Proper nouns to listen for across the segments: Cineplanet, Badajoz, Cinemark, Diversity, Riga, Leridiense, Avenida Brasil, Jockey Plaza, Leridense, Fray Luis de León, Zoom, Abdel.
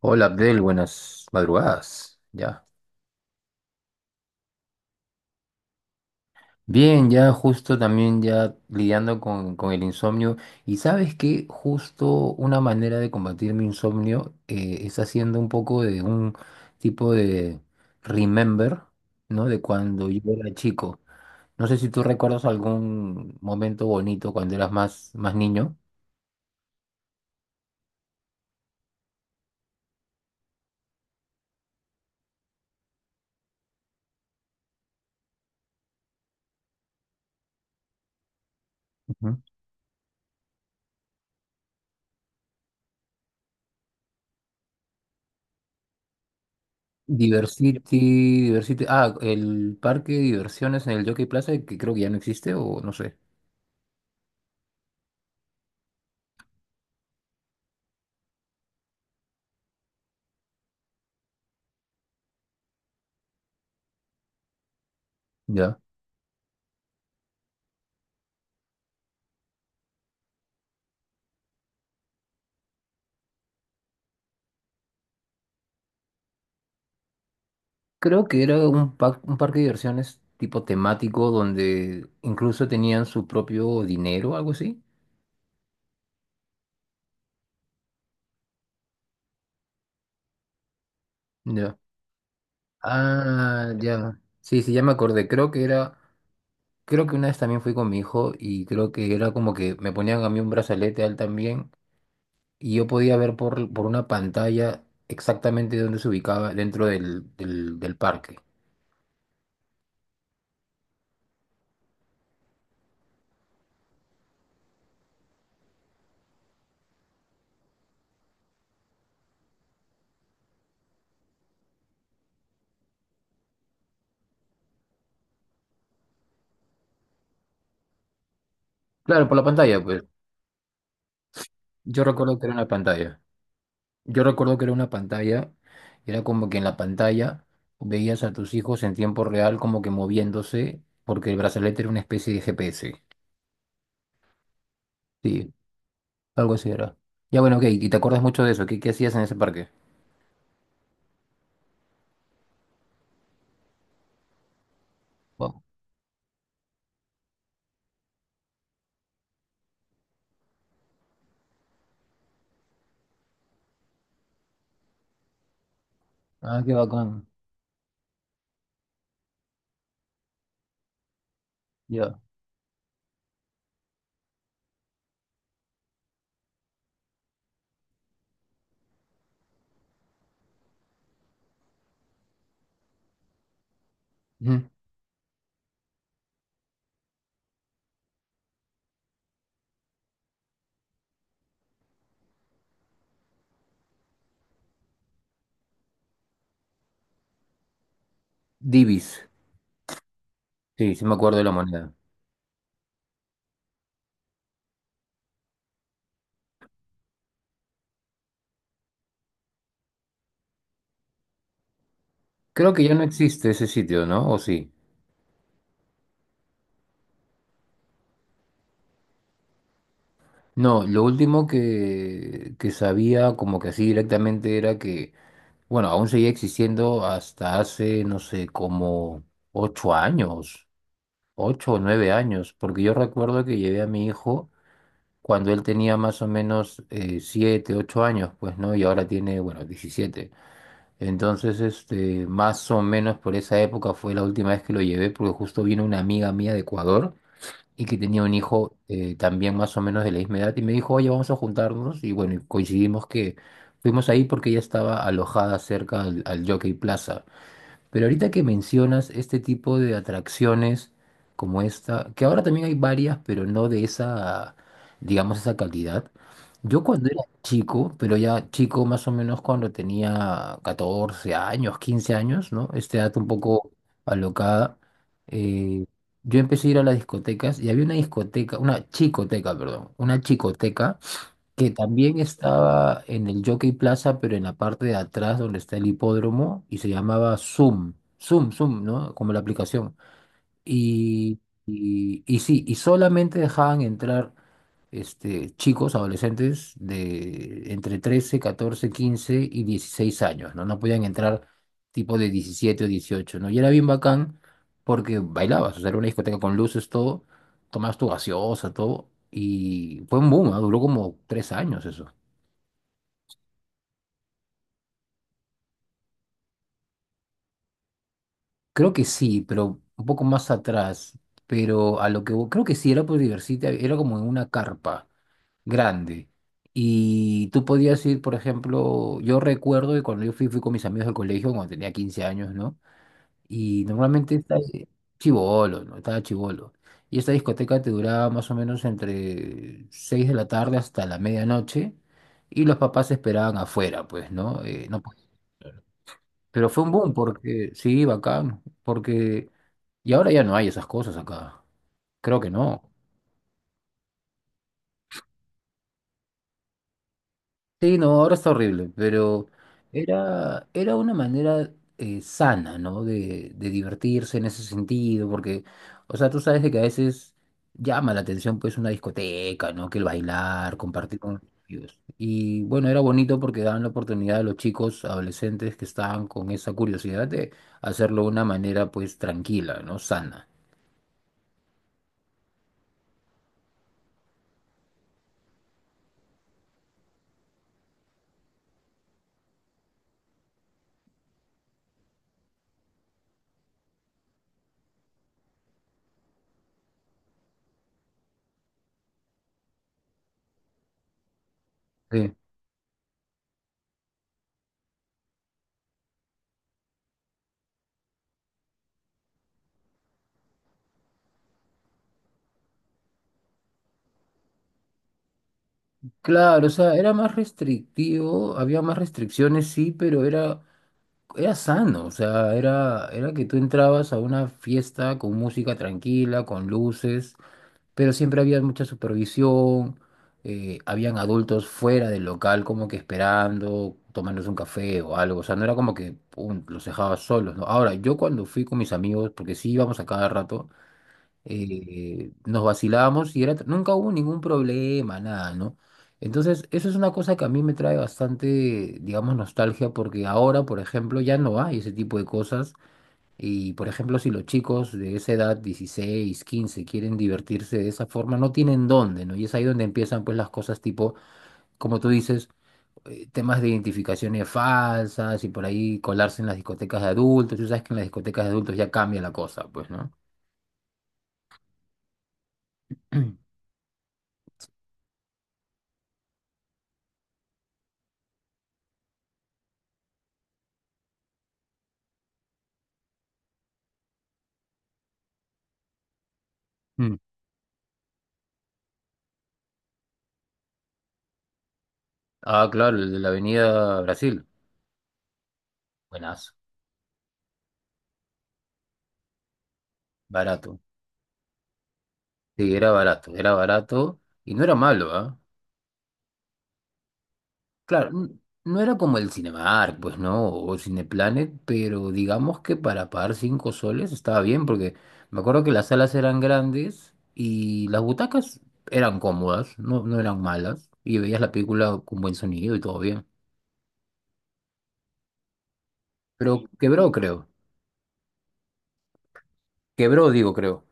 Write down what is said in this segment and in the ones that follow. Hola Abdel, buenas madrugadas. Ya. Bien, ya justo también ya lidiando con el insomnio. Y sabes que justo una manera de combatir mi insomnio es haciendo un poco de un tipo de remember, ¿no? De cuando yo era chico. No sé si tú recuerdas algún momento bonito cuando eras más niño. Ujú. Diversity, Diversity. Ah, el parque de diversiones en el Jockey Plaza que creo que ya no existe o no sé. Ya. Creo que era un parque de diversiones tipo temático donde incluso tenían su propio dinero, algo así. Ya. Ah, ya. Sí, sí, ya me acordé. Creo que una vez también fui con mi hijo y creo que era como que me ponían a mí un brazalete a él también y yo podía ver por una pantalla exactamente dónde se ubicaba dentro del del parque. Claro, por la pantalla, pues. Yo recuerdo que era una pantalla. Yo recuerdo que era una pantalla, y era como que en la pantalla veías a tus hijos en tiempo real como que moviéndose, porque el brazalete era una especie de GPS. Sí, algo así era. Ya, bueno, ok, y te acuerdas mucho de eso, ¿qué hacías en ese parque? Wow. Ah, qué bacán. Ya. Ujú. Divis. Sí, sí me acuerdo de la moneda. Creo que ya no existe ese sitio, ¿no? ¿O sí? No, lo último que sabía como que así directamente era que bueno, aún seguía existiendo hasta hace, no sé, como 8 años, 8 o 9 años, porque yo recuerdo que llevé a mi hijo cuando él tenía más o menos 7, 8 años, pues, ¿no? Y ahora tiene, bueno, 17. Entonces, este, más o menos por esa época fue la última vez que lo llevé, porque justo vino una amiga mía de Ecuador y que tenía un hijo también más o menos de la misma edad y me dijo, oye, vamos a juntarnos y bueno, y coincidimos que fuimos ahí porque ella estaba alojada cerca al Jockey Plaza. Pero ahorita que mencionas este tipo de atracciones como esta, que ahora también hay varias, pero no de esa, digamos, esa calidad. Yo cuando era chico, pero ya chico más o menos cuando tenía 14 años, 15 años, ¿no? Este dato un poco alocada, eh, yo empecé a ir a las discotecas y había una discoteca, una chicoteca, perdón, una chicoteca que también estaba en el Jockey Plaza, pero en la parte de atrás donde está el hipódromo, y se llamaba Zoom, Zoom, Zoom, ¿no? Como la aplicación. Y sí, y solamente dejaban entrar este, chicos, adolescentes de entre 13, 14, 15 y 16 años, ¿no? No podían entrar tipo de 17 o 18, ¿no? Y era bien bacán porque bailabas, o sea, era una discoteca con luces, todo, tomabas tu gaseosa, todo, y fue un boom, ¿ah? Duró como 3 años eso. Creo que sí, pero un poco más atrás, pero a lo que vo- creo que sí era por divertirte, era como en una carpa grande. Y tú podías ir, por ejemplo, yo recuerdo que cuando yo fui, fui con mis amigos del colegio, cuando tenía 15 años, ¿no? Y normalmente estaba chivolo, ¿no? Estaba chivolo. Y esta discoteca te duraba más o menos entre 6 de la tarde hasta la medianoche. Y los papás esperaban afuera, pues, ¿no? Pero fue un boom porque, sí, bacán, porque... Y ahora ya no hay esas cosas acá. Creo que no. Sí, no, ahora está horrible, pero era una manera sana, ¿no? De divertirse en ese sentido, porque, o sea, tú sabes de que a veces llama la atención pues una discoteca, ¿no? Que el bailar, compartir con ellos. Y bueno, era bonito porque daban la oportunidad a los chicos adolescentes que estaban con esa curiosidad de hacerlo de una manera pues tranquila, ¿no? Sana. Sí. Claro, o sea, era más restrictivo, había más restricciones, sí, pero era sano, o sea, era que tú entrabas a una fiesta con música tranquila, con luces, pero siempre había mucha supervisión, habían adultos fuera del local como que esperando, tomándose un café o algo, o sea, no era como que pum, los dejabas solos, ¿no? Ahora, yo cuando fui con mis amigos, porque sí íbamos a cada rato, nos vacilábamos y era, nunca hubo ningún problema, nada, ¿no? Entonces, eso es una cosa que a mí me trae bastante, digamos, nostalgia, porque ahora, por ejemplo, ya no hay ese tipo de cosas. Y, por ejemplo, si los chicos de esa edad, 16, 15 quieren divertirse de esa forma, no tienen dónde, ¿no? Y es ahí donde empiezan, pues, las cosas tipo, como tú dices, temas de identificaciones falsas y por ahí colarse en las discotecas de adultos. Tú sabes que en las discotecas de adultos ya cambia la cosa, pues, ¿no? Ah, claro, el de la Avenida Brasil. Buenazo, barato. Sí, era barato y no era malo, ¿ah? Claro, n- no era como el Cinemark, pues no, o Cineplanet, pero digamos que para pagar 5 soles estaba bien, porque me acuerdo que las salas eran grandes y las butacas eran cómodas, no, no eran malas, y veías la película con buen sonido y todo bien. Pero quebró, creo. Quebró, digo, creo.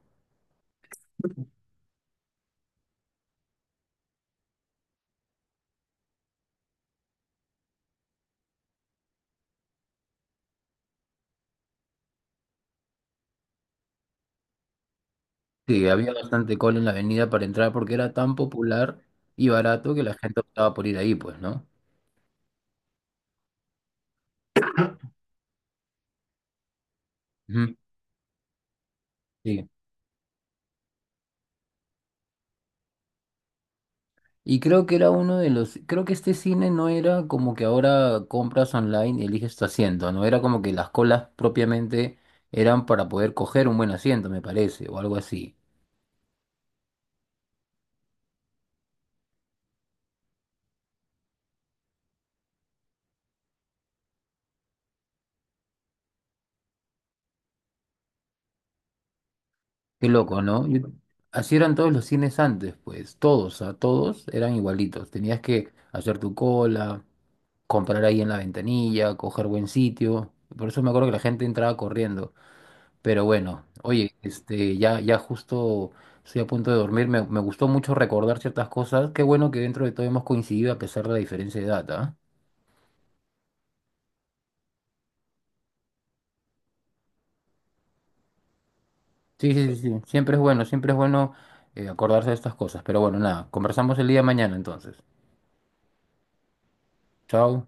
Sí, había bastante cola en la avenida para entrar porque era tan popular y barato que la gente optaba por ir ahí, pues, ¿no? Ujú. Sí. Y creo que era uno de los, creo que este cine no era como que ahora compras online y eliges tu asiento, no era como que las colas propiamente eran para poder coger un buen asiento, me parece, o algo así. Qué loco, ¿no? Así eran todos los cines antes, pues, todos, a todos eran igualitos. Tenías que hacer tu cola, comprar ahí en la ventanilla, coger buen sitio. Por eso me acuerdo que la gente entraba corriendo. Pero bueno, oye, este, ya, ya justo estoy a punto de dormir. Me gustó mucho recordar ciertas cosas. Qué bueno que dentro de todo hemos coincidido a pesar de la diferencia de edad, ¿ah? Sí, sí, sí, sí. Siempre es bueno acordarse de estas cosas. Pero bueno, nada, conversamos el día de mañana entonces. Chao.